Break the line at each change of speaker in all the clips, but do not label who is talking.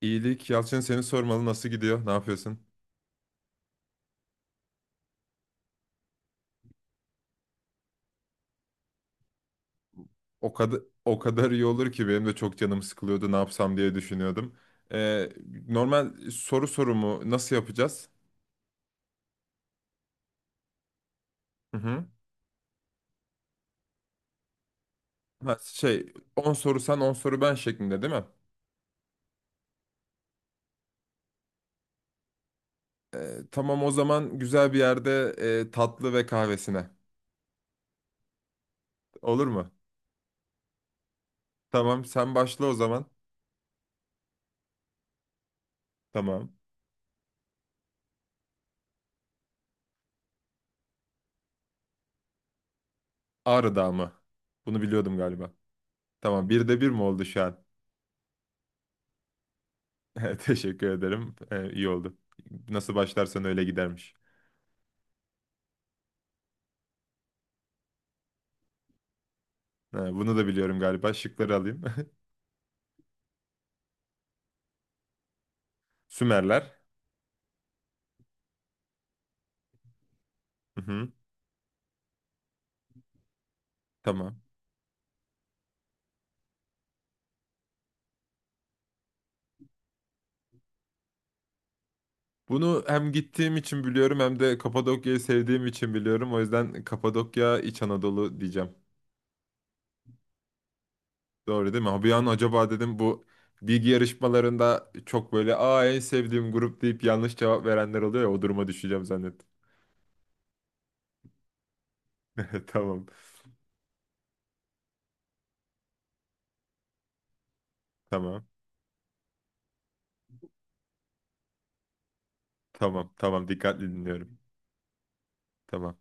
İyilik Yalçın, seni sormalı. Nasıl gidiyor? Ne yapıyorsun? O kadar o kadar iyi olur ki, benim de çok canım sıkılıyordu. Ne yapsam diye düşünüyordum. Ee, normal soru sorumu nasıl yapacağız? Hı hı. Ha, 10 soru sen 10 soru ben şeklinde değil mi? Tamam, o zaman güzel bir yerde tatlı ve kahvesine. Olur mu? Tamam, sen başla o zaman. Tamam. Ağrı Dağı mı? Bunu biliyordum galiba. Tamam, birde bir mi oldu şu an? Teşekkür ederim. İyi oldu. Nasıl başlarsan öyle gidermiş. Ha, bunu da biliyorum galiba. Şıkları alayım. Sümerler. Hı-hı. Tamam. Bunu hem gittiğim için biliyorum, hem de Kapadokya'yı sevdiğim için biliyorum. O yüzden Kapadokya İç Anadolu diyeceğim. Doğru değil mi? Ha, bir an acaba dedim, bu bilgi yarışmalarında çok böyle en sevdiğim grup deyip yanlış cevap verenler oluyor ya, o duruma düşeceğim zannettim. Tamam. Tamam. Tamam. Tamam. Dikkatli dinliyorum. Tamam.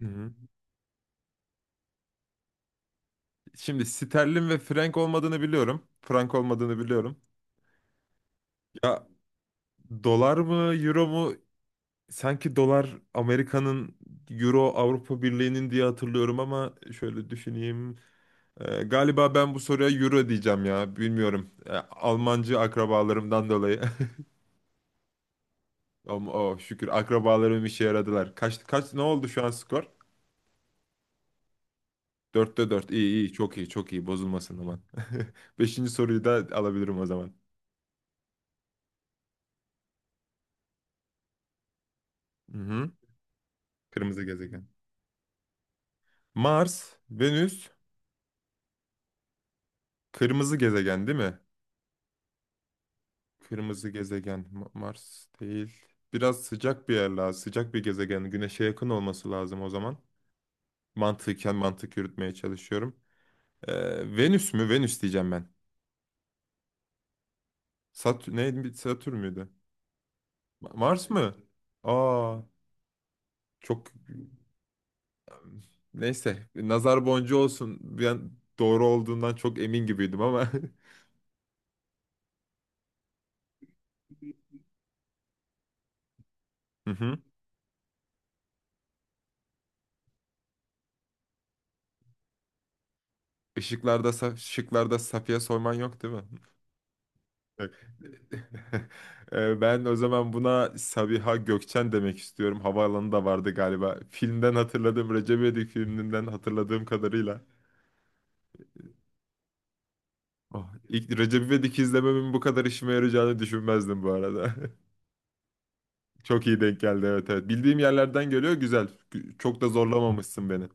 Hı-hı. Şimdi sterlin ve frank olmadığını biliyorum. Frank olmadığını biliyorum. Ya, dolar mı, euro mu? Sanki dolar Amerika'nın, euro Avrupa Birliği'nin diye hatırlıyorum ama şöyle düşüneyim. Galiba ben bu soruya Euro diyeceğim ya. Bilmiyorum. Almancı akrabalarımdan dolayı. Ama oh, şükür akrabalarım işe yaradılar. Kaç kaç ne oldu şu an skor? 4'te dört. İyi iyi, çok iyi çok iyi, bozulmasın aman. Beşinci soruyu da alabilirim o zaman. Hı hı. Kırmızı gezegen. Mars, Venüs, kırmızı gezegen değil mi? Kırmızı gezegen Mars değil. Biraz sıcak bir yer lazım. Sıcak bir gezegen. Güneşe yakın olması lazım o zaman. Mantıken mantık yürütmeye çalışıyorum. Venüs mü? Venüs diyeceğim ben. Satür neydi? Satürn müydü? Mars mı? Aa, çok neyse. Nazar boncuğu olsun. Ben doğru olduğundan çok emin gibiydim ama. Hı hı. Şıklarda Safiye Soyman yok değil mi? Evet. Ben o zaman buna Sabiha Gökçen demek istiyorum. Havaalanı da vardı galiba. Filmden hatırladığım, Recep İvedik filminden hatırladığım kadarıyla. Oh, ilk Recep İvedik izlememin bu kadar işime yarayacağını düşünmezdim bu arada. Çok iyi denk geldi, evet evet. Bildiğim yerlerden geliyor, güzel. Çok da zorlamamışsın beni.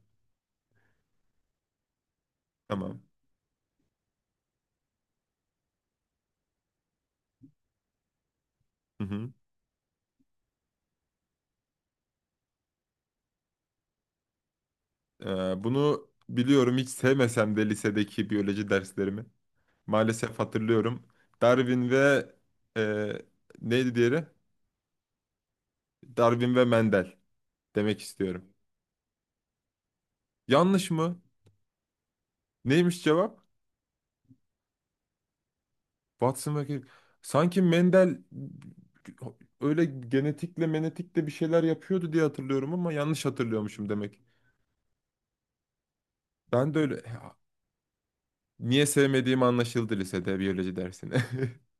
Tamam. Hı hı. Bunu biliyorum hiç sevmesem de lisedeki biyoloji derslerimi. Maalesef hatırlıyorum. Darwin ve e, neydi diğeri? Darwin ve Mendel demek istiyorum. Yanlış mı? Neymiş cevap? Watson ve Crick. Sanki Mendel öyle genetikle menetikle bir şeyler yapıyordu diye hatırlıyorum ama yanlış hatırlıyormuşum demek. Ben de öyle. Ya, niye sevmediğim anlaşıldı lisede biyoloji dersini.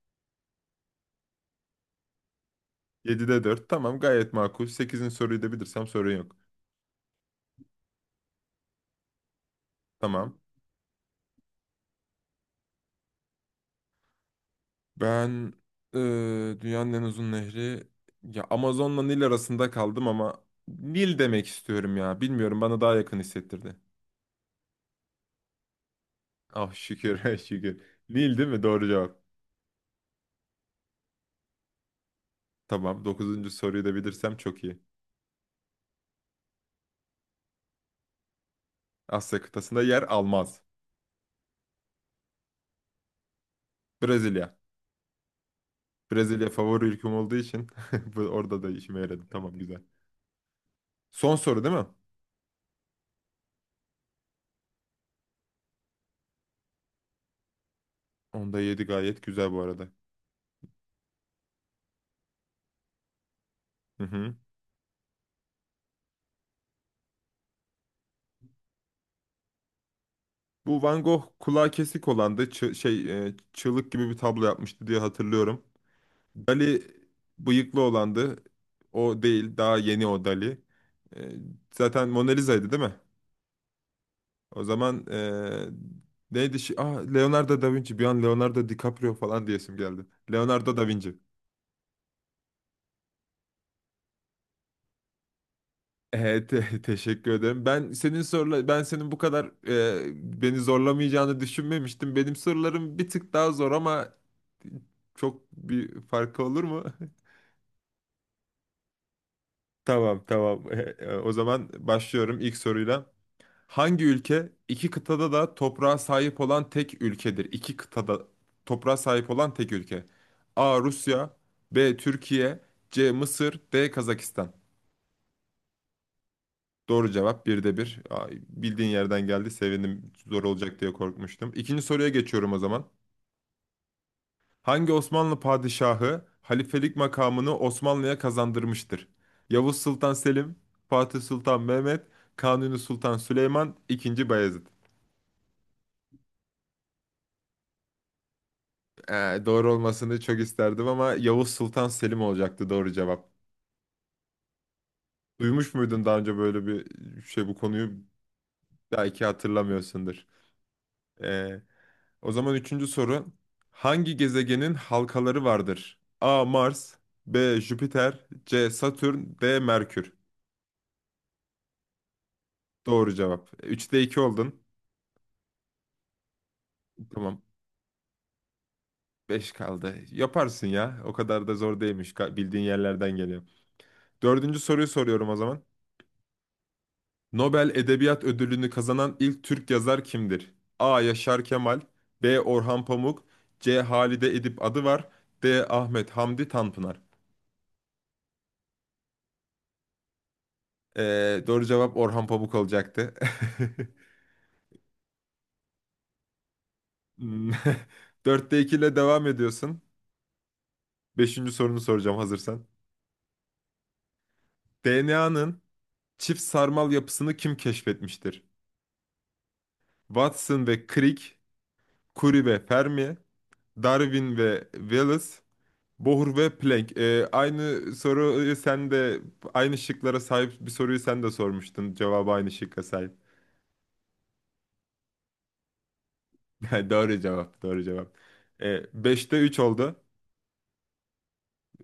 7'de dört, tamam, gayet makul. Sekizin soruyu da bilirsem sorun yok. Tamam. Ben e, dünyanın en uzun nehri, ya Amazon'la Nil arasında kaldım ama Nil demek istiyorum ya. Bilmiyorum, bana daha yakın hissettirdi. Ah şükür şükür. Nil değil mi? Doğru cevap. Tamam. Dokuzuncu soruyu da bilirsem çok iyi. Asya kıtasında yer almaz. Brezilya. Brezilya favori ülkem olduğu için orada da işime yaradı. Tamam, güzel. Son soru değil mi? Onda yedi gayet güzel bu arada. Hı hı. Bu Van Gogh kulağı kesik olan da çığlık gibi bir tablo yapmıştı diye hatırlıyorum. Dali bıyıklı olandı. O değil. Daha yeni o Dali. Ee, zaten Mona Lisa'ydı değil mi? O zaman neydi? Şi... Ah, Leonardo da Vinci. Bir an Leonardo DiCaprio falan diyesim geldi. Leonardo da Vinci. Teşekkür ederim. Ben senin bu kadar beni zorlamayacağını düşünmemiştim. Benim sorularım bir tık daha zor ama çok bir farkı olur mu? Tamam, tamam. O zaman başlıyorum ilk soruyla. Hangi ülke iki kıtada da toprağa sahip olan tek ülkedir? İki kıtada toprağa sahip olan tek ülke. A. Rusya B. Türkiye C. Mısır D. Kazakistan. Doğru cevap, birde bir. Ay, bildiğin yerden geldi. Sevindim. Zor olacak diye korkmuştum. İkinci soruya geçiyorum o zaman. Hangi Osmanlı padişahı halifelik makamını Osmanlı'ya kazandırmıştır? Yavuz Sultan Selim, Fatih Sultan Mehmet, Kanuni Sultan Süleyman, II. Bayezid. Doğru olmasını çok isterdim ama Yavuz Sultan Selim olacaktı doğru cevap. Duymuş muydun daha önce böyle bir şey, bu konuyu? Belki hatırlamıyorsundur. Ee, o zaman üçüncü soru. Hangi gezegenin halkaları vardır? A. Mars B. Jüpiter C. Satürn D. Merkür. Doğru cevap. Üçte iki oldun. Tamam. Beş kaldı. Yaparsın ya. O kadar da zor değilmiş. Bildiğin yerlerden geliyor. Dördüncü soruyu soruyorum o zaman. Nobel Edebiyat Ödülünü kazanan ilk Türk yazar kimdir? A. Yaşar Kemal, B. Orhan Pamuk, C. Halide Edip Adıvar, D. Ahmet Hamdi Tanpınar. Doğru cevap Orhan Pamuk olacaktı. Hmm. Dörtte 2 ile devam ediyorsun. Beşinci sorunu soracağım hazırsan. DNA'nın çift sarmal yapısını kim keşfetmiştir? Watson ve Crick, Curie ve Fermi, Darwin ve Wallace, Bohr ve Planck. Aynı soruyu sen de, aynı şıklara sahip bir soruyu sen de sormuştun. Cevabı aynı şıkka sahip. Doğru cevap, doğru cevap. 5'te 3 oldu.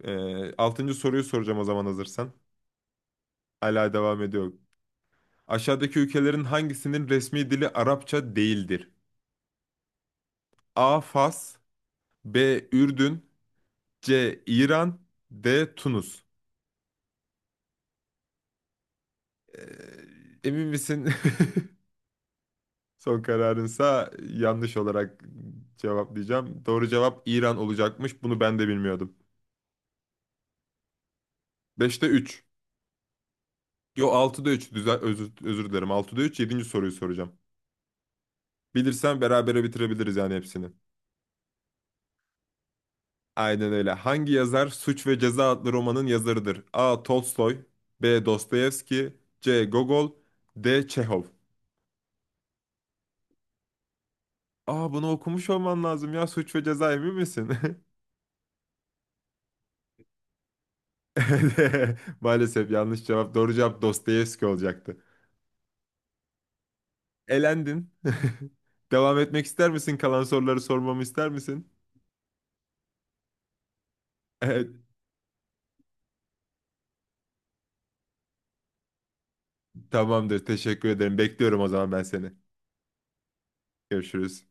6. soruyu soracağım o zaman hazırsan. Hala devam ediyor. Aşağıdaki ülkelerin hangisinin resmi dili Arapça değildir? A. Fas B. Ürdün C. İran D. Tunus. Ee, emin misin? Son kararınsa yanlış olarak cevaplayacağım. Doğru cevap İran olacakmış. Bunu ben de bilmiyordum. Beşte 3. Yo, altıda üç. Özür, özür dilerim. Altıda 3. Yedinci soruyu soracağım. Bilirsen berabere bitirebiliriz yani hepsini. Aynen öyle. Hangi yazar Suç ve Ceza adlı romanın yazarıdır? A. Tolstoy B. Dostoyevski C. Gogol D. Çehov. Bunu okumuş olman lazım ya. Suç ve Ceza, emin misin? Maalesef yanlış cevap. Doğru cevap Dostoyevski olacaktı. Elendin. Devam etmek ister misin? Kalan soruları sormamı ister misin? Evet, tamamdır. Teşekkür ederim. Bekliyorum o zaman ben seni. Görüşürüz.